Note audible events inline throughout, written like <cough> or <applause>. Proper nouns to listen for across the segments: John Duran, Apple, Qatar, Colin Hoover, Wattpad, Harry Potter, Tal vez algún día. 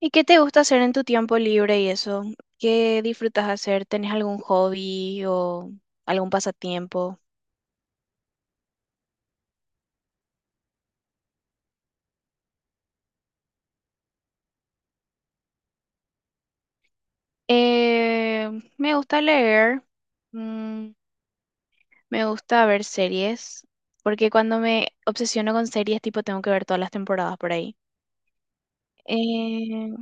¿Y qué te gusta hacer en tu tiempo libre y eso? ¿Qué disfrutas hacer? ¿Tenés algún hobby o algún pasatiempo? Eh, Me gusta leer, mm, me gusta ver series, porque cuando me obsesiono con series, tipo, tengo que ver todas las temporadas por ahí. Eh,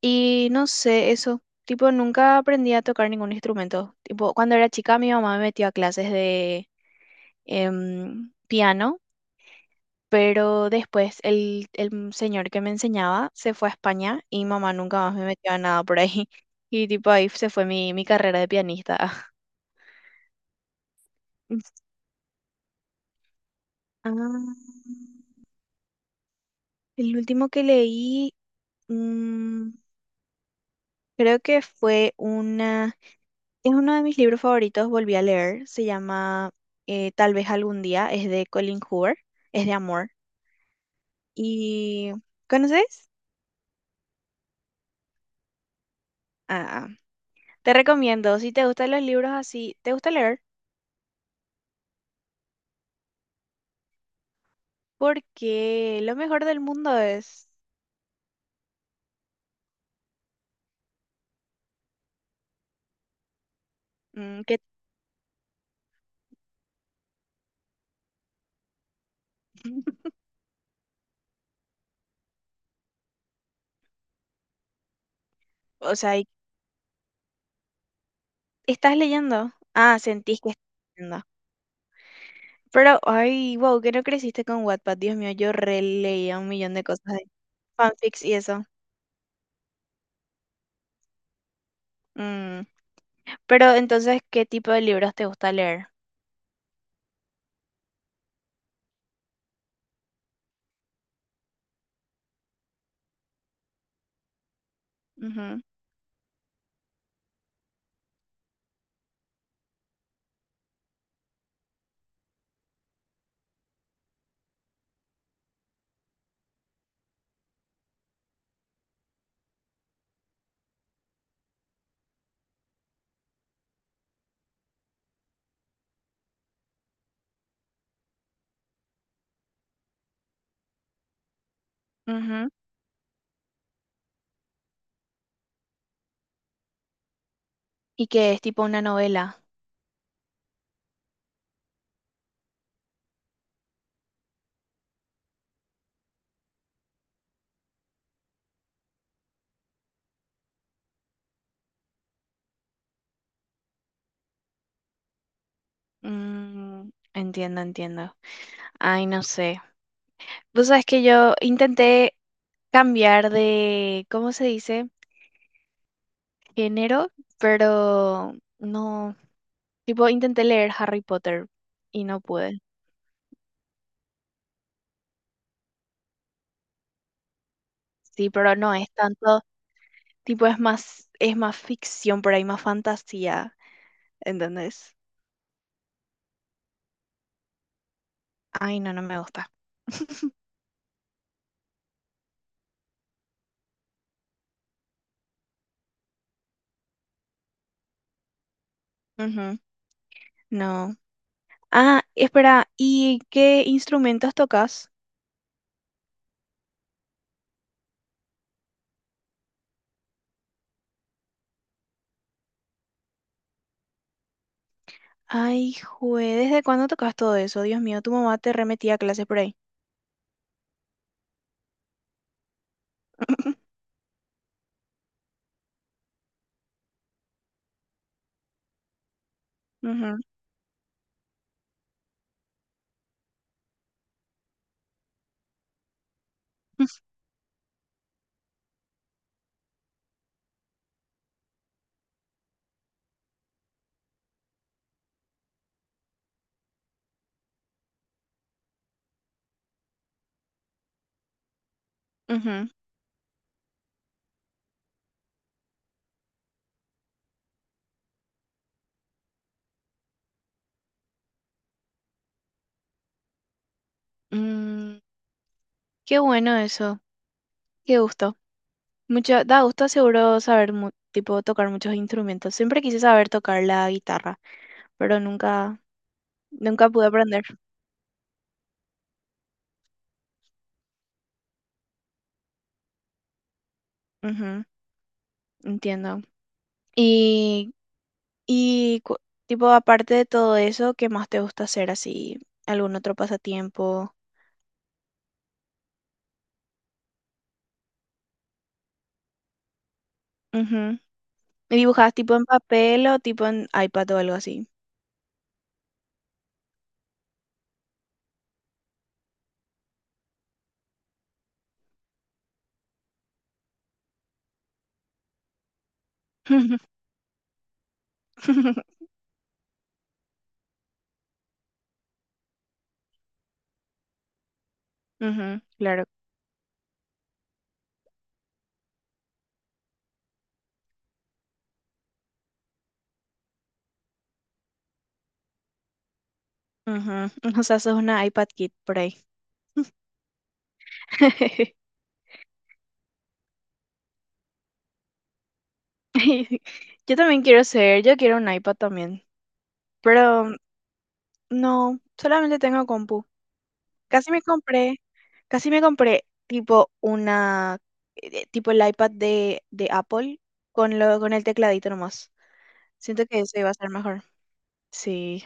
y no sé, eso, tipo, nunca aprendí a tocar ningún instrumento. Tipo, cuando era chica, mi mamá me metió a clases de piano. Pero después el señor que me enseñaba se fue a España y mamá nunca más me metió a nada por ahí. <laughs> Y tipo ahí se fue mi carrera de pianista. <laughs> Ah, el último que leí, mm, creo que fue una, es uno de mis libros favoritos, volví a leer, se llama Tal vez algún día, es de Colin Hoover, es de amor. ¿Y conoces? Ah, te recomiendo, si te gustan los libros así, ¿te gusta leer? Porque lo mejor del mundo es mm, que, <laughs> o sea, estás leyendo. Ah, sentís que estás leyendo. Pero, ay, wow, que no creciste con Wattpad. Dios mío, yo releía un millón de cosas de fanfics y eso. Mm. Pero entonces, ¿qué tipo de libros te gusta leer? Ujú, ujú. Y que es tipo una novela. Mm, entiendo, entiendo. Ay, no sé. Vos sabés que yo intenté cambiar de, ¿cómo se dice? Enero, pero no, tipo, intenté leer Harry Potter y no pude. Sí, pero no es tanto, tipo, es más ficción por ahí, más fantasía, ¿entendés? Ay, no, no me gusta. <laughs> Ujú, no. Ah, espera, ¿y qué instrumentos tocas? Ay, jue, ¿desde cuándo tocas todo eso? Dios mío, tu mamá te remetía a clases por ahí. <laughs> Ujú, ujú. Mm, qué bueno eso, qué gusto. Mucho, da gusto seguro saber, tipo, tocar muchos instrumentos. Siempre quise saber tocar la guitarra, pero nunca pude aprender. Ujú, entiendo. Y, y tipo, aparte de todo eso, ¿qué más te gusta hacer así? ¿Algún otro pasatiempo? Ujú. ¿Y dibujas tipo en papel o tipo en iPad o algo así? <laughs> Ujú, claro. Ujú. <laughs> O sea, sos una iPad Kid por ahí. <laughs> <laughs> Yo también quiero ser, yo quiero un iPad también. Pero no, solamente tengo compu. Casi me compré, casi me compré tipo una, tipo el iPad de Apple con lo, con el tecladito nomás. Siento que eso iba a ser mejor. Sí.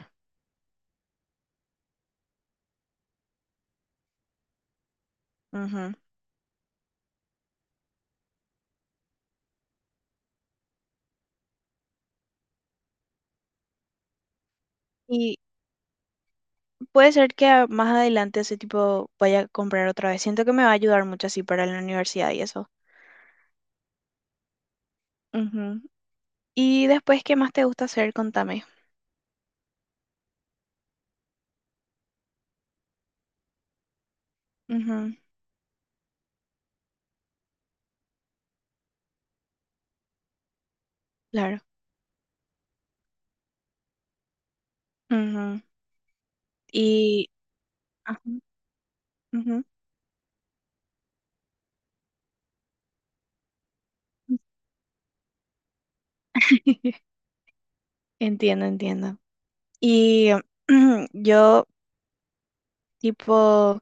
Ujú. Y puede ser que más adelante ese tipo vaya a comprar otra vez. Siento que me va a ayudar mucho así para la universidad y eso. Ujú. Y después, ¿qué más te gusta hacer? Contame. Ujú, claro. Ujú. Y... ajá, ujú. <laughs> Entiendo, entiendo. Y <clears throat> yo, tipo,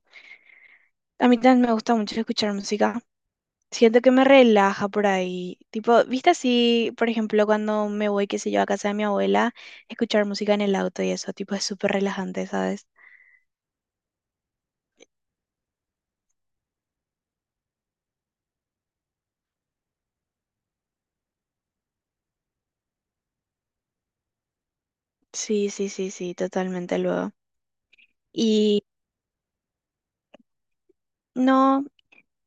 a mí también me gusta mucho escuchar música. Siento que me relaja por ahí. Tipo, ¿viste así, por ejemplo, cuando me voy, qué sé yo, a casa de mi abuela, escuchar música en el auto y eso, tipo, es súper relajante, ¿sabes? Sí, sí, sí, sí, totalmente luego. Y no,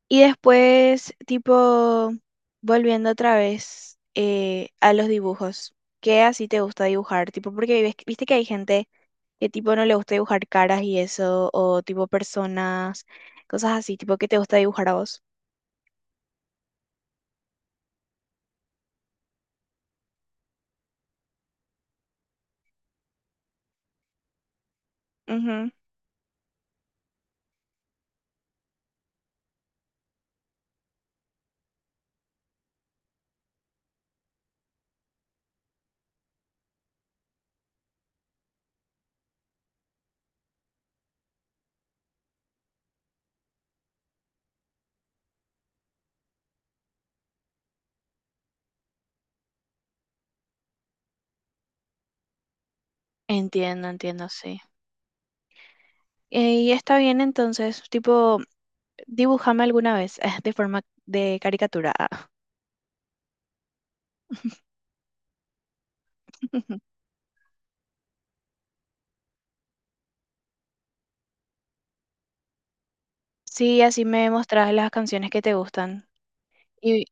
y después, tipo, volviendo otra vez a los dibujos. ¿Qué así te gusta dibujar? Tipo, porque viste que hay gente que tipo no le gusta dibujar caras y eso, o tipo personas, cosas así, tipo que te gusta dibujar a vos. Ujú. Entiendo, entiendo, sí. Y está bien entonces, tipo, dibújame alguna vez <laughs> de forma de caricatura. Ah. <laughs> Sí, así me mostrás las canciones que te gustan y,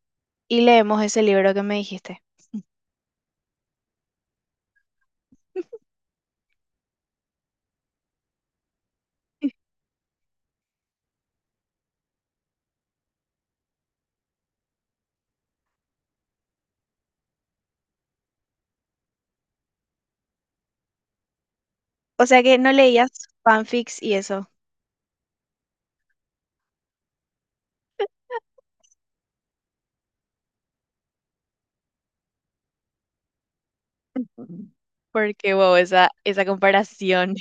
y leemos ese libro que me dijiste. <laughs> O sea que no leías fanfics y eso. Ujú. Porque, wow, esa comparación.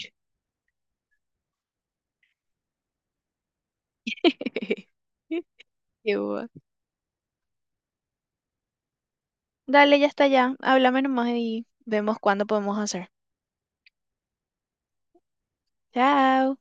<laughs> Qué guau. Dale, ya está ya. Háblame nomás y vemos cuándo podemos hacer. Chao.